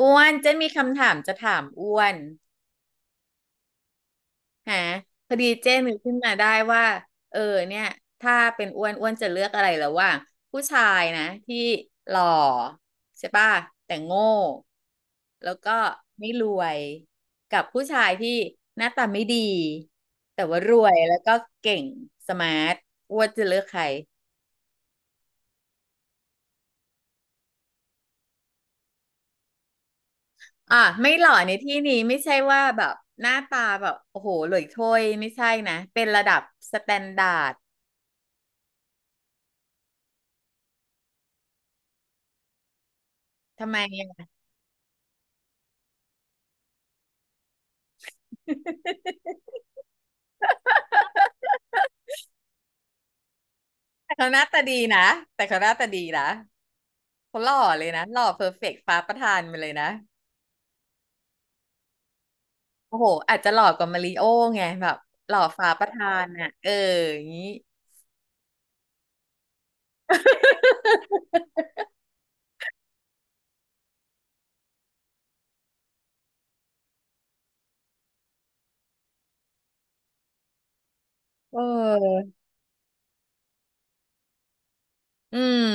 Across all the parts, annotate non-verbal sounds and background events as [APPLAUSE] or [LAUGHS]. อ้วนเจ้นมีคำถามจะถามอ้วนฮะพอดีเจ้นนึกขึ้นมาได้ว่าเออเนี่ยถ้าเป็นอ้วนอ้วนจะเลือกอะไรระหว่างผู้ชายนะที่หล่อใช่ป่ะแต่โง่แล้วก็ไม่รวยกับผู้ชายที่หน้าตาไม่ดีแต่ว่ารวยแล้วก็เก่งสมาร์ทอ้วนจะเลือกใครอ่ะไม่หล่อในที่นี้ไม่ใช่ว่าแบบหน้าตาแบบโอ้โหหล่ยโถ้ยไม่ใช่นะเป็นระดับสแตนดาร์ด ทำไมอะ [LAUGHS] แต่เขาหน้าตาดีนะ แต่เขาหน้าตาดีนะ เขาหล่อเลยนะหล่อเพอร์เฟกต์ฟ้าประทานไปเลยนะโอ้โหอาจจะหล่อกว่ามาริโอไงแบบหล่อฟ้าประทานอ่ะ เอออย่างนี้ [LAUGHS] เอออืม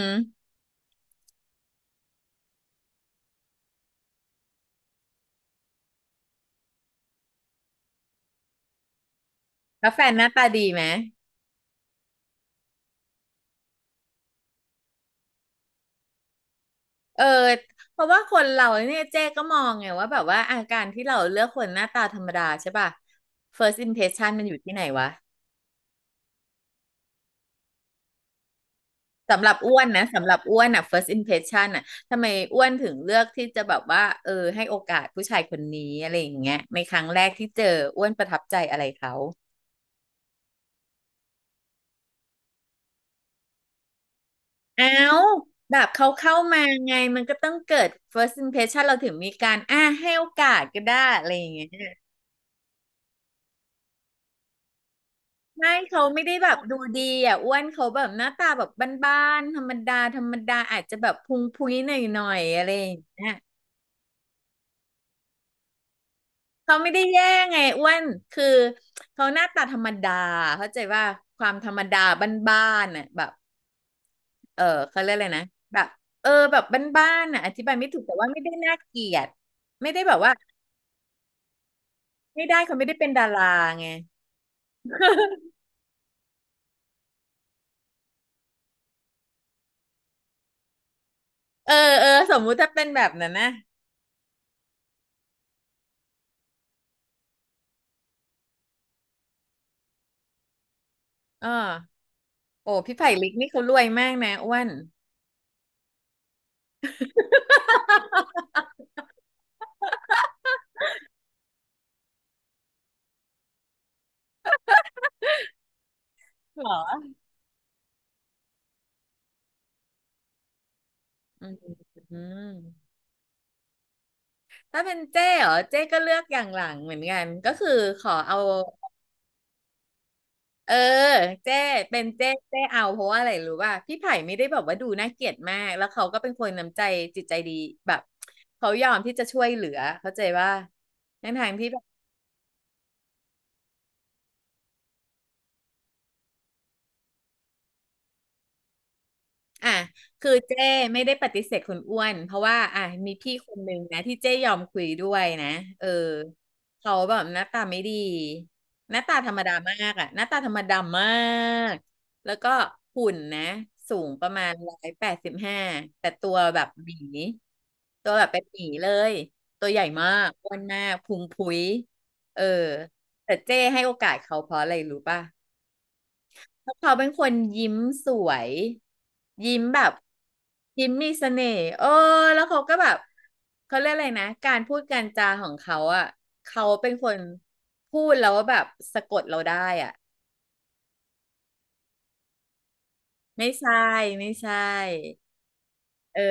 แล้วแฟนหน้าตาดีไหมเออเพราะว่าคนเราเนี่ยเจ๊ก็มองไงว่าแบบว่าอาการที่เราเลือกคนหน้าตาธรรมดาใช่ป่ะ first impression มันอยู่ที่ไหนวะ สำหรับอ้วนนะสำหรับอ้วนอ่ะ first impression อ่ะทำไมอ้วนถึงเลือกที่จะแบบว่าเออให้โอกาสผู้ชายคนนี้อะไรอย่างเงี้ยในครั้งแรกที่เจออ้วนประทับใจอะไรเขาอ้าวแบบเขาเข้ามาไงมันก็ต้องเกิด first impression เราถึงมีการอ่าให้โอกาสก็ได้อะไรอย่างเงี้ยไม่เขาไม่ได้แบบดูดีอ่ะอ้วนเขาแบบหน้าตาแบบบ้านๆธรรมดาธรรมดาอาจจะแบบพุงพุ้ยหน่อยๆอะไรอย่างเงี้ย เขาไม่ได้แย่ไงอ้วนคือเขาหน้าตาธรรมดาเข้าใจว่าความธรรมดาบ้านๆน่ะแบบเออเขาเรียกอะไรนะแบบเออแบบบ้านๆน่ะอธิบายไม่ถูกแต่ว่าไม่ได้น่าเกลียดไม่ได้แบบว่าไม่ได้เขาไม่ได้เป็นดาราไง [LAUGHS] เออเออสมมุติถ้าเป็นแบบนั้นนะเออโอ้พี่ไผ่ลิกนี่เขารวยมากนะอ้วนเหรออืมอืมถ้าเป็นเจ้เหรอเจ้ก็เลือกอย่างหลังเหมือนกันก็คือขอเอา เออเจ้เป็นเจ้เจ้เอาเพราะว่าอะไรรู้ป่ะพี่ไผ่ไม่ได้แบบว่าดูน่าเกลียดมากแล้วเขาก็เป็นคนน้ำใจจิตใจดีแบบเขายอมที่จะช่วยเหลือเข้าใจว่าทั้งทางที่ อ่ะคือเจ้ไม่ได้ปฏิเสธคุณอ้วนเพราะว่าอ่ะมีพี่คนหนึ่งนะที่เจ้ยอมคุยด้วยนะเออเขาแบบหน้าตาไม่ดีหน้าตาธรรมดามากอ่ะหน้าตาธรรมดามากแล้วก็หุ่นนะสูงประมาณ185แต่ตัวแบบหมีตัวแบบเป็นหมีเลยตัวใหญ่มากอ้วนมากพุงพุ้ยเออแต่เจ้ให้โอกาสเขาเพราะอะไรรู้ป่ะ แล้วเขาเป็นคนยิ้มสวยยิ้มแบบยิ้มมีเสน่ห์เออแล้วเขาก็แบบเขาเรียกอะไรนะการพูดการจาของเขาอ่ะเขาเป็นคนพูดแล้วแบบสะกดเราได้อ่ะไม่ใช่ไม่ใช่ เออ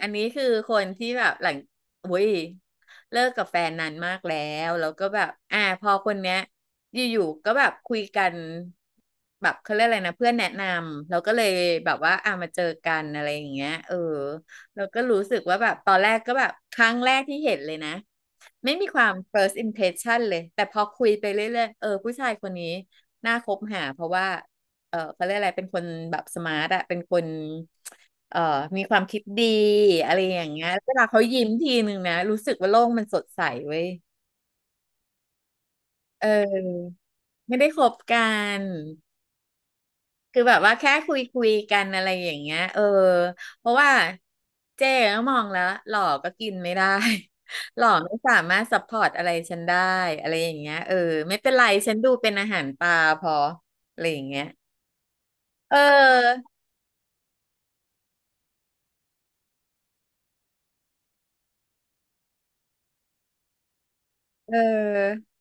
อันนี้คือคนที่แบบหลังอุ้ยเลิกกับแฟนนานมากแล้วแล้วก็แบบอ่าพอคนเนี้ยอยู่ๆก็แบบคุยกันแบบเขาเรียกอะไรนะเพื่อนแนะนำเราก็เลยแบบว่าอ่ามาเจอกันอะไรอย่างเงี้ยเออเราก็รู้สึกว่าแบบตอนแรกก็แบบครั้งแรกที่เห็นเลยนะไม่มีความ first impression เลยแต่พอคุยไปเรื่อยๆเออผู้ชายคนนี้น่าคบหาเพราะว่าเออเขาเรียกอะไรเป็นคนแบบสมาร์ทอะเป็นคน เอ่อมีความคิดดีอะไรอย่างเงี้ยเวลาเขายิ้มทีนึงนะรู้สึกว่าโลกมันสดใสเว้ยเออไม่ได้คบกันคือแบบว่าแค่คุยกันอะไรอย่างเงี้ยเออเพราะว่าเจ๊ก็มองแล้วหล่อก็กินไม่ได้ [LAUGHS] หล่อไม่สามารถซัพพอร์ตอะไรฉันได้อะไรอย่างเงี้ยเออไม่เป็นไรฉันดูเป็นอาหารปลาพออะไรอย่างเงี้ยเออเออ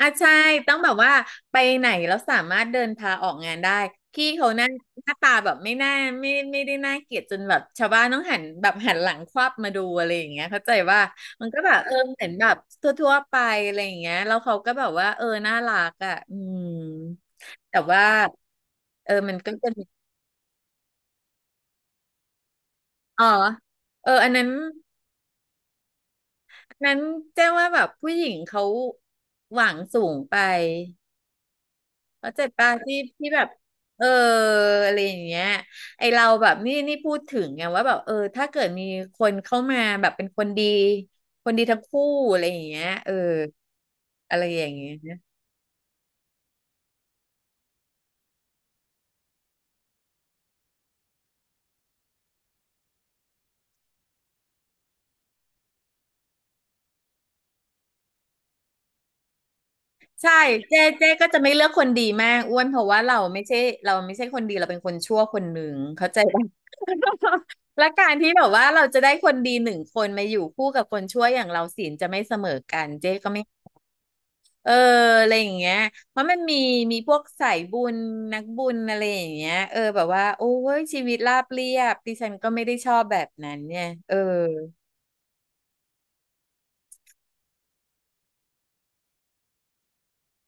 อ่ะใช่ต้องแบบว่าไปไหนแล้วสามารถเดินพาออกงานได้พี่เขาหน้าหน้าตาแบบไม่น่าไม่ไม่ได้น่าเกลียดจนแบบชาวบ้านต้องหันแบบหันหลังควับมาดูอะไรอย่างเงี้ยเข้าใจว่ามันก็แบบเออเหมือนแบบทั่วๆไปอะไรอย่างเงี้ยแล้วเขาก็แบบว่าเออน่ารักอ่ะอืมแต่ว่าเออมันก็จะมีอ๋อเอออันนั้นอันนั้นแจ้งว่าแบบผู้หญิงเขาหวังสูงไป เข้าใจป่ะที่ที่แบบเอออะไรอย่างเงี้ยไอเราแบบนี่นี่พูดถึงไงว่าแบบถ้าเกิดมีคนเข้ามาแบบเป็นคนดีคนดีทั้งคู่อะไรอย่างเงี้ยอะไรอย่างเงี้ยใช่เจ๊เจ๊ก็จะไม่เลือกคนดีมากอ้วนเพราะว่าเราไม่ใช่เราไม่ใช่คนดีเราเป็นคนชั่วคนหนึ่งเข้าใจป่ะ [LAUGHS] และการที่แบบว่าเราจะได้คนดีหนึ่งคนมาอยู่คู่กับคนชั่วอย่างเราศีลจะไม่เสมอกันเจ๊ก็ไม่ เอออะไรอย่างเงี้ยเพราะมันมีมีพวกสายบุญนักบุญอะไรอย่างเงี้ยแบบว่าโอ้ยชีวิตราบเรียบดิฉันก็ไม่ได้ชอบแบบนั้นเนี่ย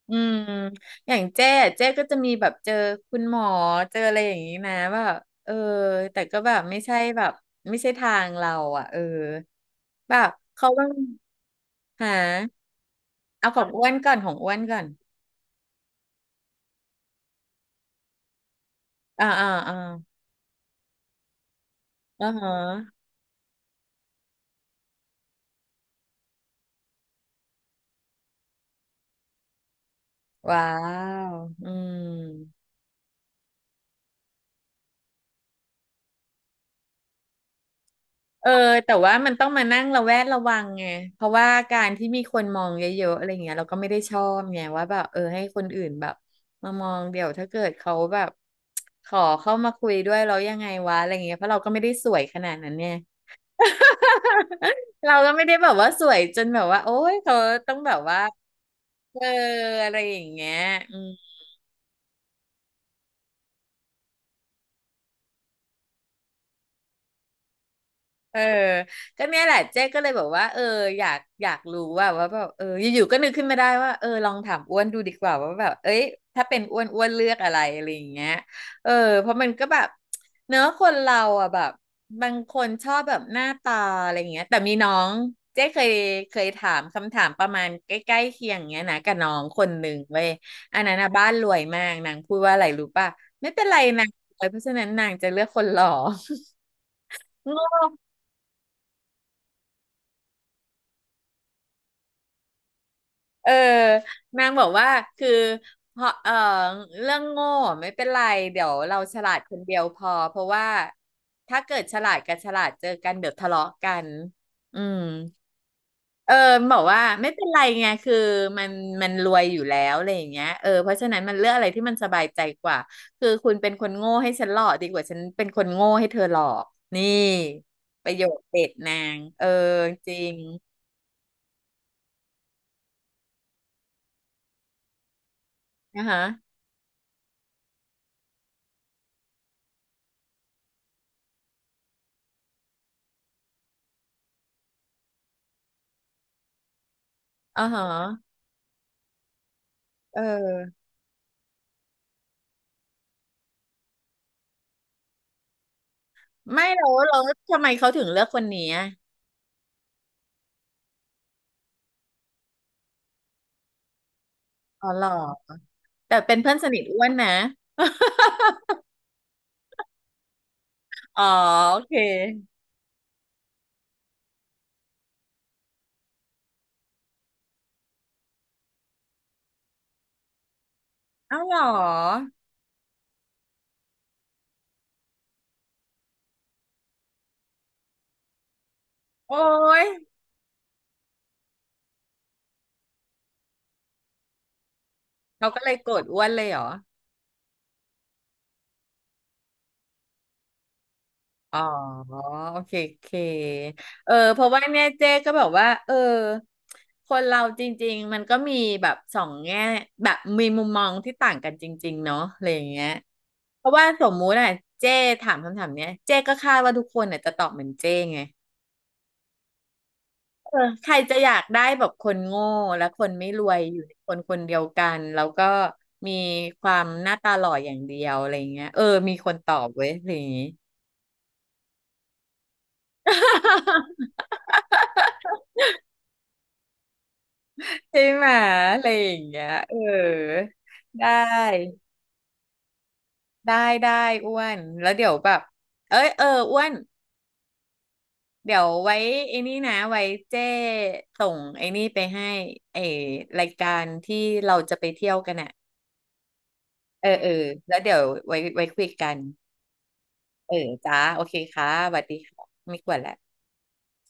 อืมอย่างเจ๊อะเจ๊ก็จะมีแบบเจอคุณหมอเจออะไรอย่างงี้นะว่าแบบเออแต่ก็แบบไม่ใช่แบบไม่ใช่ทางเราอ่ะเออแบบเขาต้องหาเอาของอ้วนก่อนของอ้วนก่อนอ่าอ่าอ่าอ่าฮะว้าวอืม เออแต่ว่ามันต้องมานั่งระแวดระวังไงเพราะว่าการที่มีคนมองเยอะๆอะไรเงี้ยเราก็ไม่ได้ชอบไงว่าแบบให้คนอื่นแบบมามองเดี๋ยวถ้าเกิดเขาแบบขอเข้ามาคุยด้วยเรายังไงวะอะไรเงี้ยเพราะเราก็ไม่ได้สวยขนาดนั้นเนี่ย [LAUGHS] เราก็ไม่ได้แบบว่าสวยจนแบบว่าโอ๊ยเขาต้องแบบว่าเอออะไรอย่างเงี้ยอืม เออก็เนี่ยแหละเจ๊ก็เลยบอกว่าอยากอยากรู้ว่าว่าแบบอยู่ๆก็นึกขึ้นมาได้ว่าลองถามอ้วนดูดีกว่าว่าแบบเอ้ยถ้าเป็นอ้วนอ้วนเลือกอะไรอะไรอย่างเงี้ยเออเพราะมันก็แบบเนื้อะคนเราอ่ะแบบบางคนชอบแบบหน้าตาอะไรอย่างเงี้ยแต่มีน้องเจ๊เคยเคยถามคำถามประมาณใกล้ๆเคียงเงี้ยนะกับน้องคนหนึ่งเว้ยอันนั้นนะบ้านรวยมากนางพูดว่าอะไรรู้ป่ะไม่เป็นไรนางรวยเพราะฉะนั้นนางจะเลือกคนหล่อ [LAUGHS] งง เออนางบอกว่าคือเพราะเรื่องโง่ไม่เป็นไรเดี๋ยวเราฉลาดคนเดียวพอเพราะว่าถ้าเกิดฉลาดกับฉลาดเจอกันเดี๋ยวทะเลาะกันอืมเออบอกว่าไม่เป็นไรไงคือมันมันรวยอยู่แล้วอะไรอย่างเงี้ยเพราะฉะนั้นมันเลือกอะไรที่มันสบายใจกว่าคือคุณเป็นคนโง่ให้ฉันหลอกดีกว่าฉันเป็นคนโง่ให้เธอหลอกนี่ประโยคเด็ดนางจริงนะคะอ๋อฮะเออ ไม่หรอกหรอทำไมเขาถึงเลือกคนนี้อะอ๋อหรอแต่เป็นเพื่อนสนิทอ้วนนะ [LAUGHS] อ๋อโอเคเอ้าหรอโอ้ยเขาก็เลยโกรธอ้วนเลยเหรออ๋อโอเคโอเคเพราะว่าเนี่ยเจ๊ก็แบบว่าคนเราจริงๆมันก็มีแบบสองแง่แบบมีมุมมองที่ต่างกันจริงๆเนาะอะไรอย่างเงี้ยเพราะว่าสมมุติอ่ะเจ๊ถามคำถามเนี้ยเจ๊ก็คาดว่าทุกคนน่ะจะตอบเหมือนเจ๊ไง เออใครจะอยากได้แบบคนโง่และคนไม่รวยอยู่ในคนคนเดียวกันแล้วก็มีความหน้าตาหล่ออย่างเดียวอะไรอย่างเงี้ยมีคนตอบเว้ยอะไรอย่างงี้ใช่ไหมอะไรอย่างเงี้ยเออได้ได้ได้อ้วนแล้วเดี๋ยวแบบเอ้ยอ้วนเดี๋ยวไว้ไอ้นี่นะไว้เจ้ส่งไอ้นี่ไปให้ไอ้รายการที่เราจะไปเที่ยวกันอ่ะเออเออแล้วเดี๋ยวไว้ไว้คุยกัน เออจ้าโอเคค่ะสวัสดีค่ะไม่กวนแล้ว